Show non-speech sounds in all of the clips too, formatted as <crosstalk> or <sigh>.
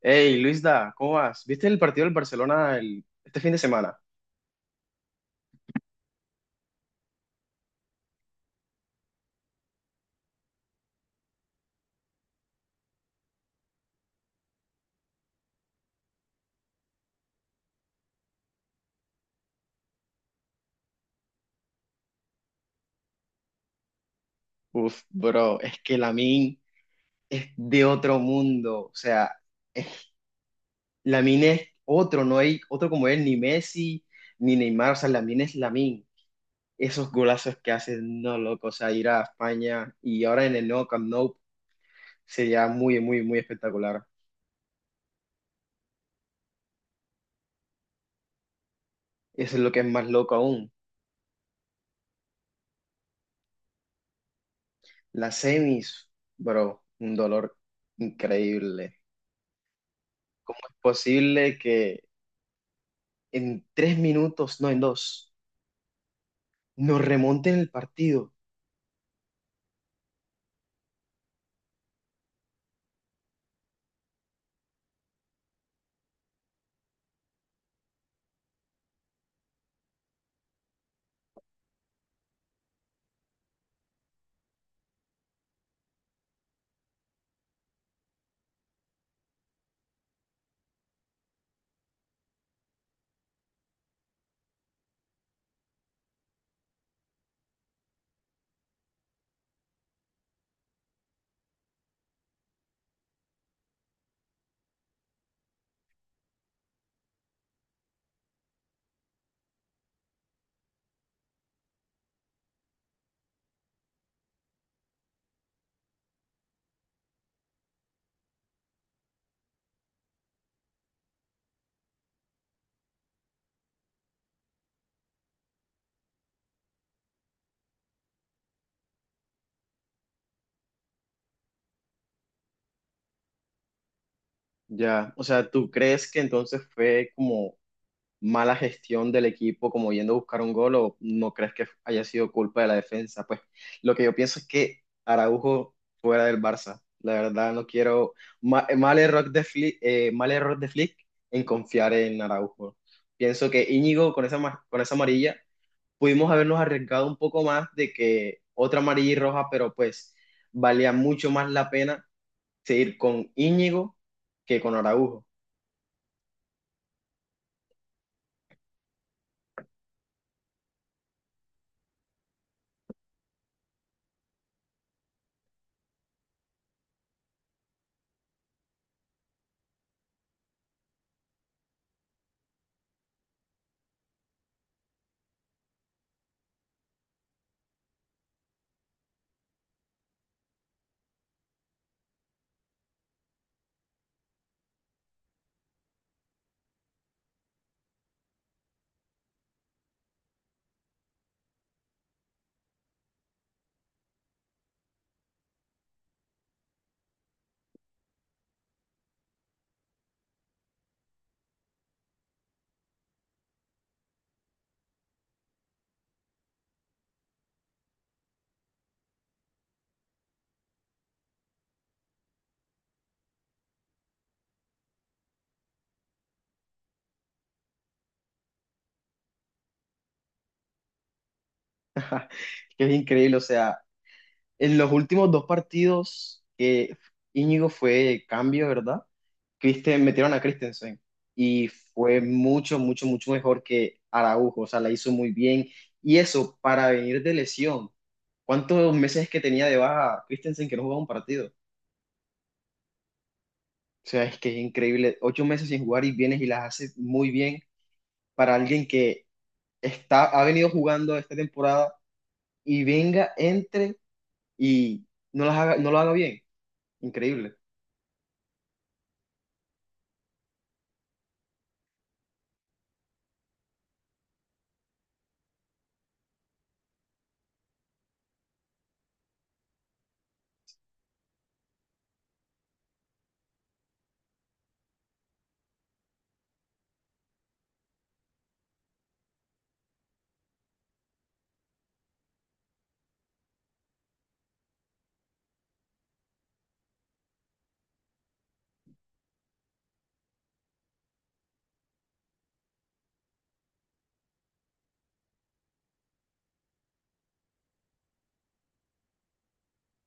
Hey, Luisda, ¿cómo vas? ¿Viste el partido del Barcelona este fin de semana? Uf, bro, es que Lamine es de otro mundo. O sea, Lamine es otro, no hay otro como él, ni Messi, ni Neymar. O sea, Lamine es Lamine. Esos golazos que hace, no, loco. O sea, ir a España y ahora en el nuevo Camp Nou sería muy, muy, muy espectacular. Eso es lo que es más loco aún. Las semis, bro, un dolor increíble. ¿Cómo es posible que en 3 minutos, no en dos, nos remonten el partido? Ya, o sea, ¿tú crees que entonces fue como mala gestión del equipo, como yendo a buscar un gol, o no crees que haya sido culpa de la defensa? Pues lo que yo pienso es que Araujo fuera del Barça. La verdad, no quiero mal, error de Flick, mal error de Flick en confiar en Araujo. Pienso que Íñigo con con esa amarilla pudimos habernos arriesgado un poco más de que otra amarilla y roja, pero pues valía mucho más la pena seguir con Íñigo que con Araujo, que es increíble, o sea, en los últimos dos partidos que Íñigo fue cambio, ¿verdad? Metieron a Christensen y fue mucho, mucho, mucho mejor que Araujo, o sea, la hizo muy bien y eso para venir de lesión. ¿Cuántos meses que tenía de baja Christensen que no jugaba un partido? O sea, es que es increíble. 8 meses sin jugar y vienes y las haces muy bien para alguien que está, ha venido jugando esta temporada y venga, entre y no las haga, no lo haga bien. Increíble.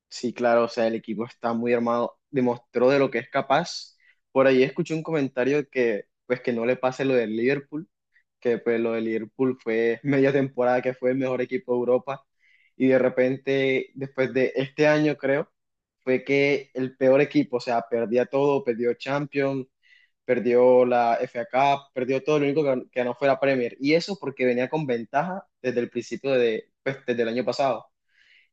Sí, claro, o sea, el equipo está muy armado, demostró de lo que es capaz. Por ahí escuché un comentario que, pues, que no le pase lo del Liverpool que pues lo del Liverpool fue media temporada que fue el mejor equipo de Europa y de repente después de este año creo fue que el peor equipo, o sea, perdía todo, perdió Champions, perdió la FA Cup, perdió todo, lo único que no fue la Premier y eso porque venía con ventaja desde el principio de, pues, desde el año pasado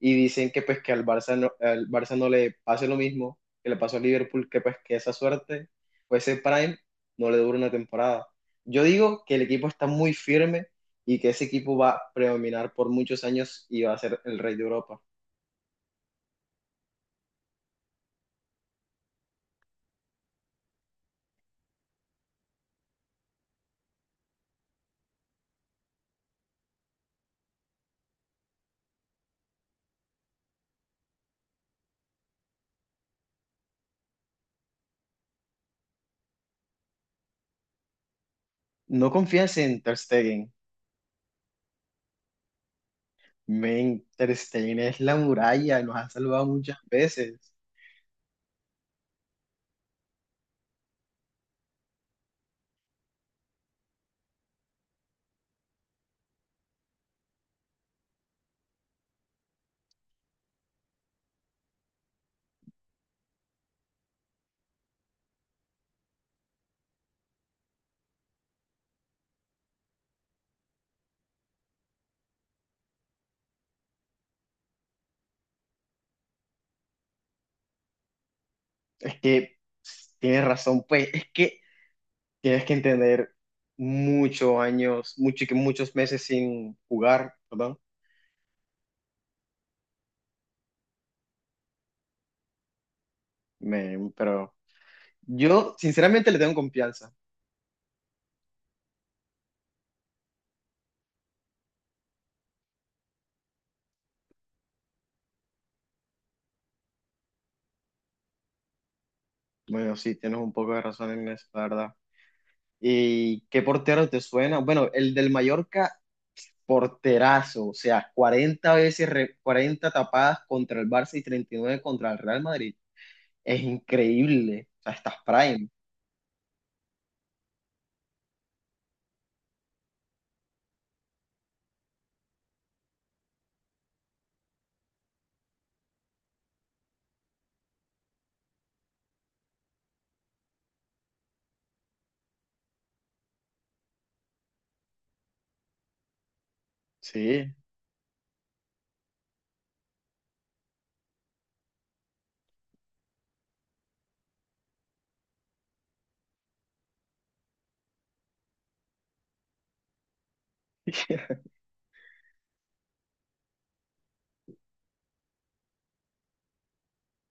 y dicen que pues que al Barça no le pase lo mismo que le pasó a Liverpool, que pues que esa suerte o ese prime no le dura una temporada. Yo digo que el equipo está muy firme y que ese equipo va a predominar por muchos años y va a ser el rey de Europa. No confías en Ter Stegen. Men, Ter Stegen es la muralla, nos ha salvado muchas veces. Es que tienes razón, pues es que tienes que entender muchos años, mucho, muchos meses sin jugar, ¿verdad? Pero yo sinceramente le tengo confianza. Bueno, sí, tienes un poco de razón en eso, la verdad. ¿Y qué portero te suena? Bueno, el del Mallorca, porterazo, o sea, 40 tapadas contra el Barça y 39 contra el Real Madrid. Es increíble, o sea, estás prime. Sí, <laughs>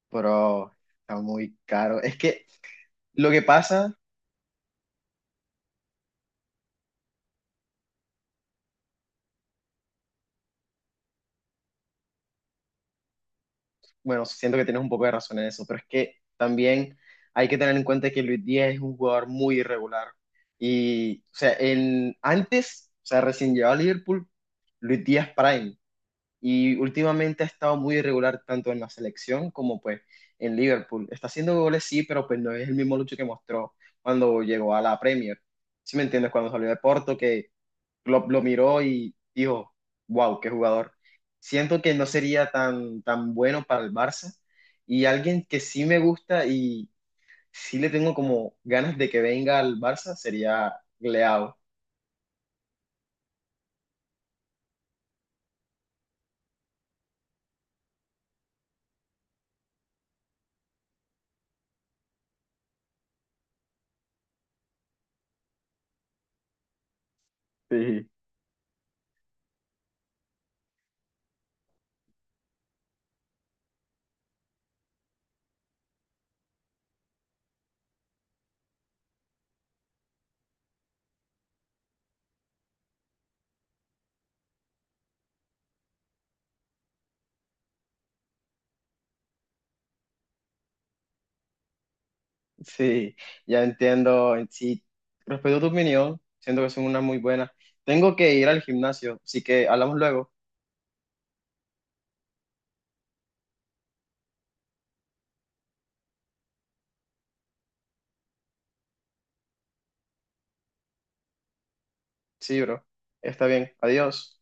pero está muy caro. Es que lo que pasa bueno, siento que tienes un poco de razón en eso, pero es que también hay que tener en cuenta que Luis Díaz es un jugador muy irregular. Y, o sea, en, antes, o sea, recién llegado a Liverpool, Luis Díaz Prime. Y últimamente ha estado muy irregular tanto en la selección como pues en Liverpool. Está haciendo goles, sí, pero pues no es el mismo Lucho que mostró cuando llegó a la Premier. ¿Si me entiendes? Cuando salió de Porto, que lo miró y dijo, wow, qué jugador. Siento que no sería tan, tan bueno para el Barça y alguien que sí me gusta y sí le tengo como ganas de que venga al Barça sería Leao. Sí. Sí, ya entiendo. Sí, respeto tu opinión, siento que son una muy buena. Tengo que ir al gimnasio, así que hablamos luego. Sí, bro. Está bien. Adiós.